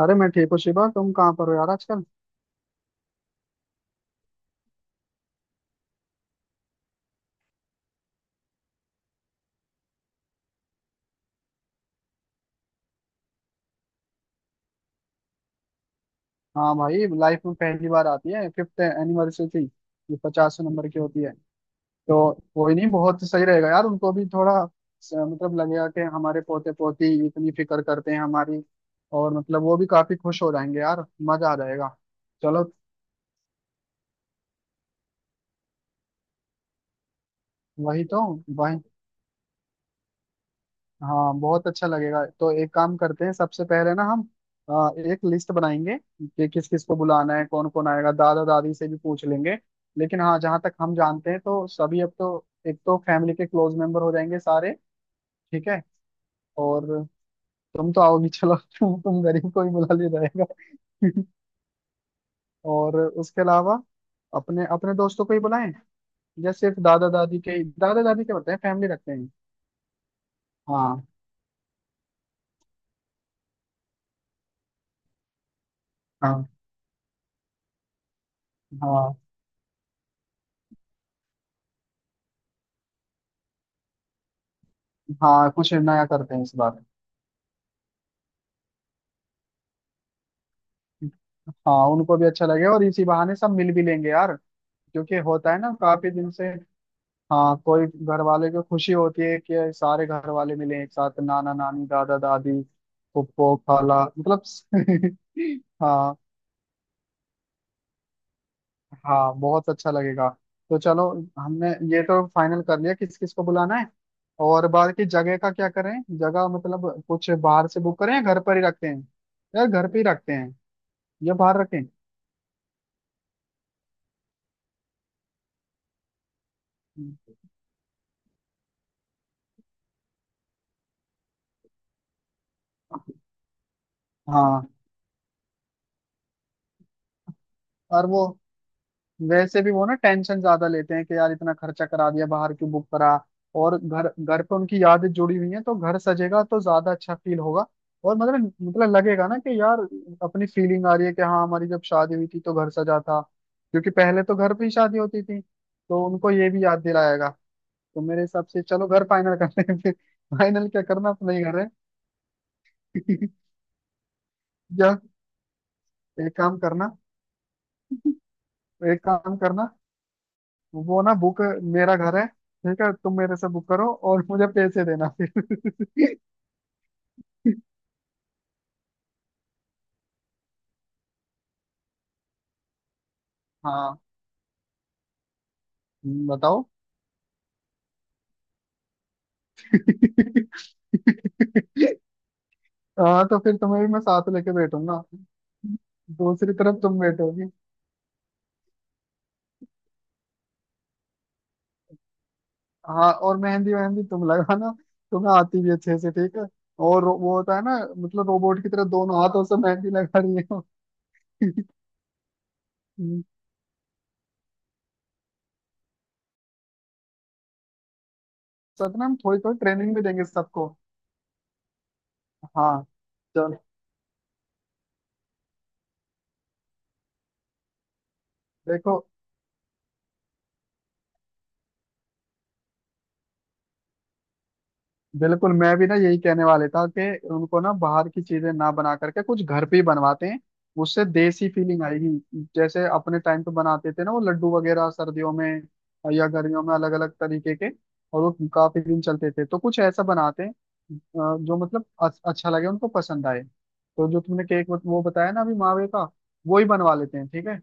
अरे मैं ठीक हूँ शिवा। तुम कहाँ पर हो यार आजकल? हाँ भाई, लाइफ में पहली बार आती है फिफ्थ एनिवर्सरी थी। ये 50 नंबर की होती है। तो कोई नहीं, बहुत सही रहेगा यार। उनको भी थोड़ा मतलब लगेगा कि हमारे पोते पोती इतनी फिक्र करते हैं हमारी। और मतलब वो भी काफी खुश हो जाएंगे यार। मजा आ जाएगा। चलो। वही तो। वही। हाँ बहुत अच्छा लगेगा। तो एक काम करते हैं, सबसे पहले ना हम एक लिस्ट बनाएंगे कि किस किस को बुलाना है, कौन कौन आएगा, दादा दादी से भी पूछ लेंगे। लेकिन हाँ, जहाँ तक हम जानते हैं तो सभी अब तो एक तो फैमिली के क्लोज मेंबर हो जाएंगे सारे। ठीक है। और तुम तो आओगी, चलो तुम गरीब को ही बुला लिया जाएगा। और उसके अलावा अपने अपने दोस्तों को ही बुलाएं, या सिर्फ दादा दादी के बताएं फैमिली रखते हैं। हाँ, हाँ, हाँ, हाँ, कुछ नया करते हैं इस बार। हाँ उनको भी अच्छा लगेगा और इसी बहाने सब मिल भी लेंगे यार, क्योंकि होता है ना, काफी दिन से। हाँ, कोई घर वाले को खुशी होती है कि सारे घर वाले मिले एक साथ, नाना नानी दादा दादी फुप्पो खाला मतलब। हाँ। हाँ बहुत अच्छा लगेगा। तो चलो, हमने ये तो फाइनल कर लिया किस किस को बुलाना है। और बाकी जगह का क्या करें? जगह मतलब कुछ बाहर से बुक करें या घर पर ही रखते हैं? यार घर पे ही रखते हैं, या बाहर रखें? हाँ। और वो, वैसे भी वो ना टेंशन ज्यादा लेते हैं कि यार इतना खर्चा करा दिया, बाहर क्यों बुक करा। और घर घर पे उनकी यादें जुड़ी हुई हैं, तो घर सजेगा तो ज्यादा अच्छा फील होगा। और मतलब लगेगा ना कि यार, अपनी फीलिंग आ रही है कि हाँ, हमारी जब शादी हुई थी तो घर सजा था। क्योंकि पहले तो घर पे ही शादी होती थी, तो उनको ये भी याद दिलाएगा। तो मेरे हिसाब से चलो घर फाइनल करते हैं फिर। फाइनल क्या करना, अपना ही घर है। या एक काम करना, एक काम करना, वो ना, बुक, मेरा घर है ठीक है, तुम मेरे से बुक करो और मुझे पैसे देना फिर। हाँ बताओ। हाँ, तो फिर तुम्हें भी मैं साथ लेके बैठूंगा, दूसरी तरफ तुम बैठोगी। हाँ, और मेहंदी मेहंदी तुम लगाना, तुम्हें आती भी अच्छे से, ठीक है। और वो होता है ना, मतलब रोबोट की तरह दोनों हाथों से मेहंदी लगा रही हो। सच ना, हम थोड़ी थोड़ी ट्रेनिंग भी देंगे सबको। हाँ चलो। देखो, बिल्कुल मैं भी ना यही कहने वाले था कि उनको ना बाहर की चीजें ना बना करके कुछ घर पे ही बनवाते हैं। उससे देसी फीलिंग आएगी। जैसे अपने टाइम पे बनाते थे ना, वो लड्डू वगैरह सर्दियों में, या गर्मियों में अलग अलग तरीके के। और वो काफी दिन चलते थे, तो कुछ ऐसा बनाते हैं जो मतलब अच्छा लगे, उनको पसंद आए। तो जो तुमने केक वो बताया ना अभी मावे का, वो ही बनवा लेते हैं ठीक है।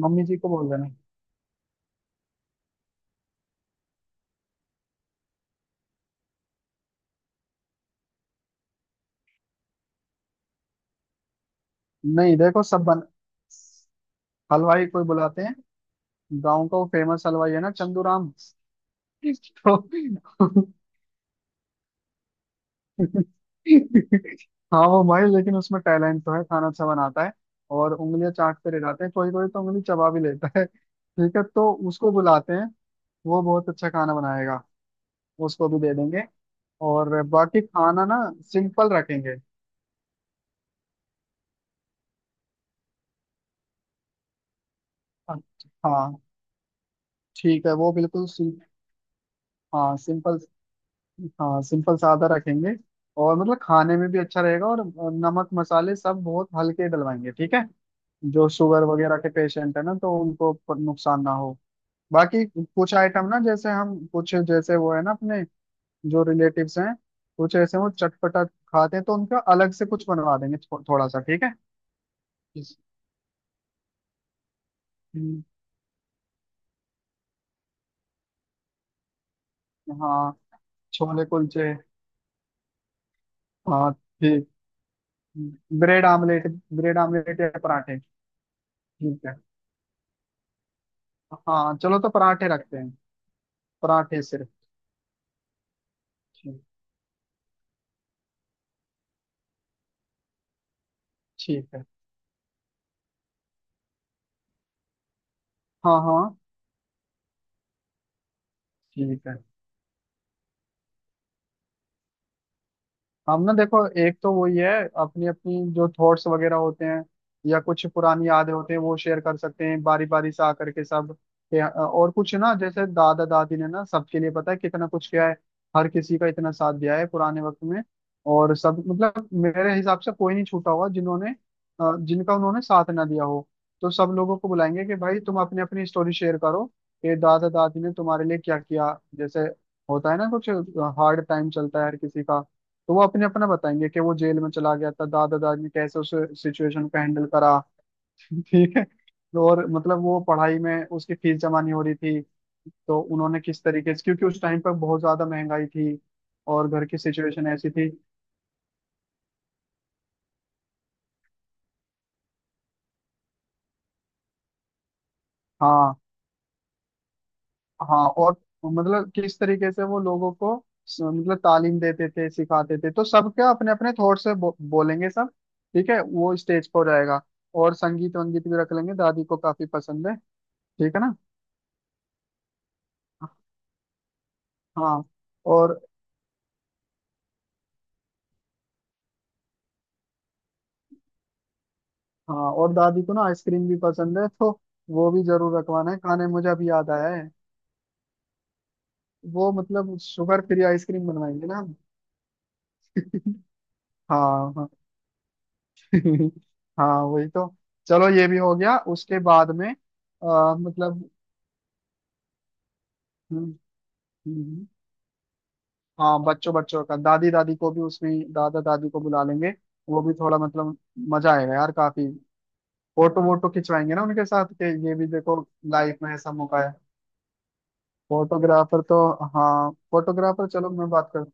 मम्मी जी को बोल देना। नहीं देखो सब बन। हलवाई कोई बुलाते हैं, गाँव का वो फेमस हलवाई है ना, चंदू राम। तो हाँ वो भाई, लेकिन उसमें टैलेंट तो है, खाना अच्छा बनाता है। और उंगलियां चाटते रह जाते हैं, कोई कोई तो उंगली चबा भी लेता है, ठीक है तो उसको बुलाते हैं। वो बहुत अच्छा खाना बनाएगा। उसको भी दे देंगे। और बाकी खाना ना सिंपल रखेंगे। हाँ ठीक है, वो बिल्कुल हाँ सिंपल। हाँ सिंपल सादा रखेंगे। और मतलब खाने में भी अच्छा रहेगा, और नमक मसाले सब बहुत हल्के डलवाएंगे, ठीक है। जो शुगर वगैरह के पेशेंट है ना, तो उनको नुकसान ना हो। बाकी कुछ आइटम ना, जैसे हम कुछ, जैसे वो है ना अपने, जो रिलेटिव्स हैं, कुछ ऐसे वो चटपटा खाते हैं, तो उनका अलग से कुछ बनवा देंगे थोड़ा सा, ठीक है। इस- हम्म, हाँ। छोले कुलचे। हाँ ठीक। Bread omelette. ब्रेड आमलेट या पराठे। ठीक है। हाँ चलो तो पराठे रखते हैं। पराठे सिर्फ। ठीक। ठीक है। हाँ। हाँ ठीक है। हम ना देखो, एक तो वही है, अपनी अपनी जो थॉट्स वगैरह होते हैं या कुछ पुरानी यादें होते हैं वो शेयर कर सकते हैं बारी बारी से आकर के सब। और कुछ ना, जैसे दादा दादी ने ना सबके लिए पता है कितना कुछ किया है। हर किसी का इतना साथ दिया है पुराने वक्त में। और सब मतलब मेरे हिसाब से कोई नहीं छूटा होगा जिन्होंने जिनका उन्होंने साथ ना दिया हो। तो सब लोगों को बुलाएंगे कि भाई तुम अपनी अपनी स्टोरी शेयर करो, कि दादा दादी ने तुम्हारे लिए क्या किया। जैसे होता है ना कुछ हार्ड टाइम चलता है हर किसी का। तो वो अपने अपना बताएंगे कि वो जेल में चला गया था, दादा दादी ने कैसे उस सिचुएशन को हैंडल करा। ठीक है तो। और मतलब वो पढ़ाई में उसकी फीस जमा नहीं हो रही थी, तो उन्होंने किस तरीके से, क्योंकि उस टाइम पर बहुत ज्यादा महंगाई थी और घर की सिचुएशन ऐसी थी। हाँ। हाँ, और मतलब किस तरीके से वो लोगों को मतलब तालीम देते थे, सिखाते थे। तो सबका अपने अपने थॉट से बोलेंगे सब, ठीक है, वो स्टेज पर हो जाएगा। और संगीत वंगीत भी रख लेंगे, दादी को काफी पसंद है। ठीक है ना? हाँ। और हाँ, और दादी को ना आइसक्रीम भी पसंद है, तो वो भी जरूर रखवाना है खाने में, मुझे अभी याद आया है। वो मतलब शुगर फ्री आइसक्रीम बनवाएंगे ना हम। हाँ। हाँ। हाँ वही तो। चलो ये भी हो गया, उसके बाद में मतलब। हम्म, हम्म, हाँ। बच्चों बच्चों का दादी दादी को भी, उसमें दादा दादी को बुला लेंगे, वो भी थोड़ा मतलब मजा आएगा यार काफी। फोटो वोटो खिंचवाएंगे ना उनके साथ के, ये भी देखो, लाइफ में ऐसा मौका है। फोटोग्राफर तो। हाँ फोटोग्राफर, चलो मैं बात कर।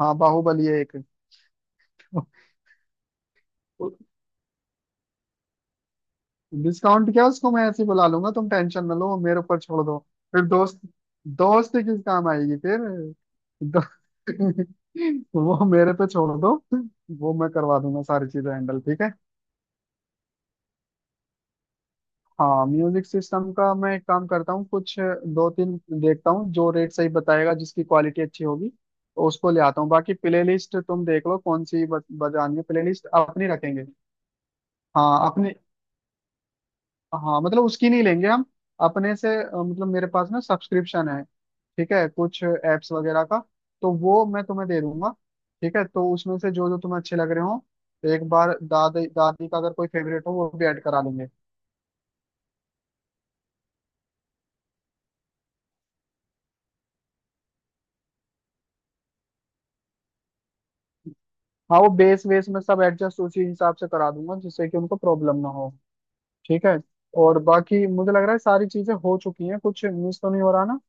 हाँ बाहुबली है एक। डिस्काउंट क्या, उसको मैं ऐसे ही बुला लूंगा, तुम टेंशन ना लो, वो मेरे ऊपर छोड़ दो। फिर दोस्त, दोस्त किस काम आएगी फिर। दो, वो मेरे पे छोड़ दो, वो मैं करवा दूंगा सारी चीजें हैंडल, ठीक है। हाँ, म्यूजिक सिस्टम का मैं एक काम करता हूँ, कुछ दो तीन देखता हूँ जो रेट सही बताएगा, जिसकी क्वालिटी अच्छी होगी तो उसको ले आता हूँ। बाकी प्लेलिस्ट तुम देख लो कौन सी बजानी है, प्लेलिस्ट अपनी रखेंगे। हाँ अपने। हाँ मतलब उसकी नहीं लेंगे हम, अपने से मतलब मेरे पास ना सब्सक्रिप्शन है ठीक है, कुछ एप्स वगैरह का, तो वो मैं तुम्हें दे दूंगा। ठीक है, तो उसमें से जो जो तुम्हें अच्छे लग रहे हो, एक बार दादी दादी का अगर कोई फेवरेट हो वो भी ऐड करा लेंगे। हाँ वो बेस वेस में सब एडजस्ट उसी हिसाब से करा दूंगा जिससे कि उनको प्रॉब्लम ना हो, ठीक है। और बाकी मुझे लग रहा है सारी चीजें हो चुकी हैं, कुछ मिस तो नहीं हो रहा ना?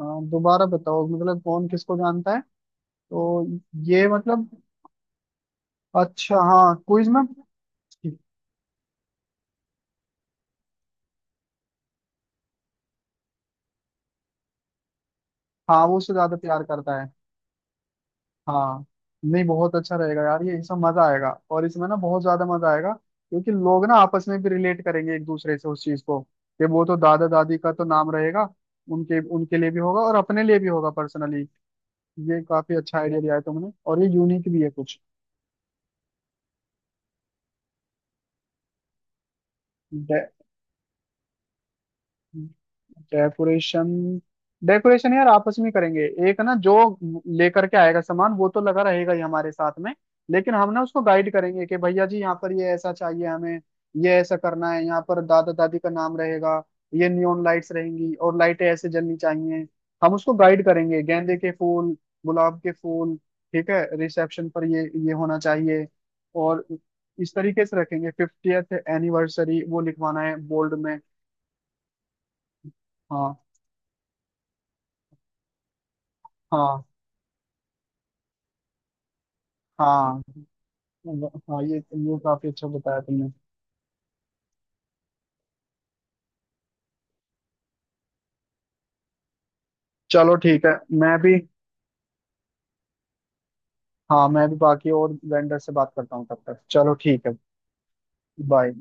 अ, दोबारा बताओ, मतलब कौन किसको जानता है तो? ये मतलब, अच्छा हाँ, क्विज में। हाँ, वो उससे ज्यादा प्यार करता है। हाँ नहीं, बहुत अच्छा रहेगा यार, ये इसमें मजा आएगा, और इसमें ना बहुत ज्यादा मजा आएगा क्योंकि लोग ना आपस में भी रिलेट करेंगे एक दूसरे से उस चीज को, कि वो तो दादा दादी का तो नाम रहेगा। उनके उनके लिए भी होगा और अपने लिए भी होगा पर्सनली। ये काफी अच्छा आइडिया दिया है तुमने, और ये यूनिक भी है कुछ। डेकोरेशन। डेकोरेशन यार आपस में करेंगे। एक ना जो लेकर के आएगा सामान, वो तो लगा रहेगा ही हमारे साथ में। लेकिन हम ना उसको गाइड करेंगे कि भैया जी, यहाँ पर ये ऐसा चाहिए हमें, ये ऐसा करना है, यहाँ पर दादा दादी का नाम रहेगा, ये नियॉन लाइट्स रहेंगी और लाइटें ऐसे जलनी चाहिए। हम उसको गाइड करेंगे। गेंदे के फूल, गुलाब के फूल। ठीक है, रिसेप्शन पर ये होना चाहिए। और इस तरीके से रखेंगे। 50th एनिवर्सरी वो लिखवाना है बोल्ड में। हाँ। हाँ। हाँ हाँ, ये काफी अच्छा बताया तुमने। चलो ठीक है। मैं भी। हाँ मैं भी बाकी और वेंडर से बात करता हूँ तब तक। चलो ठीक है। बाय।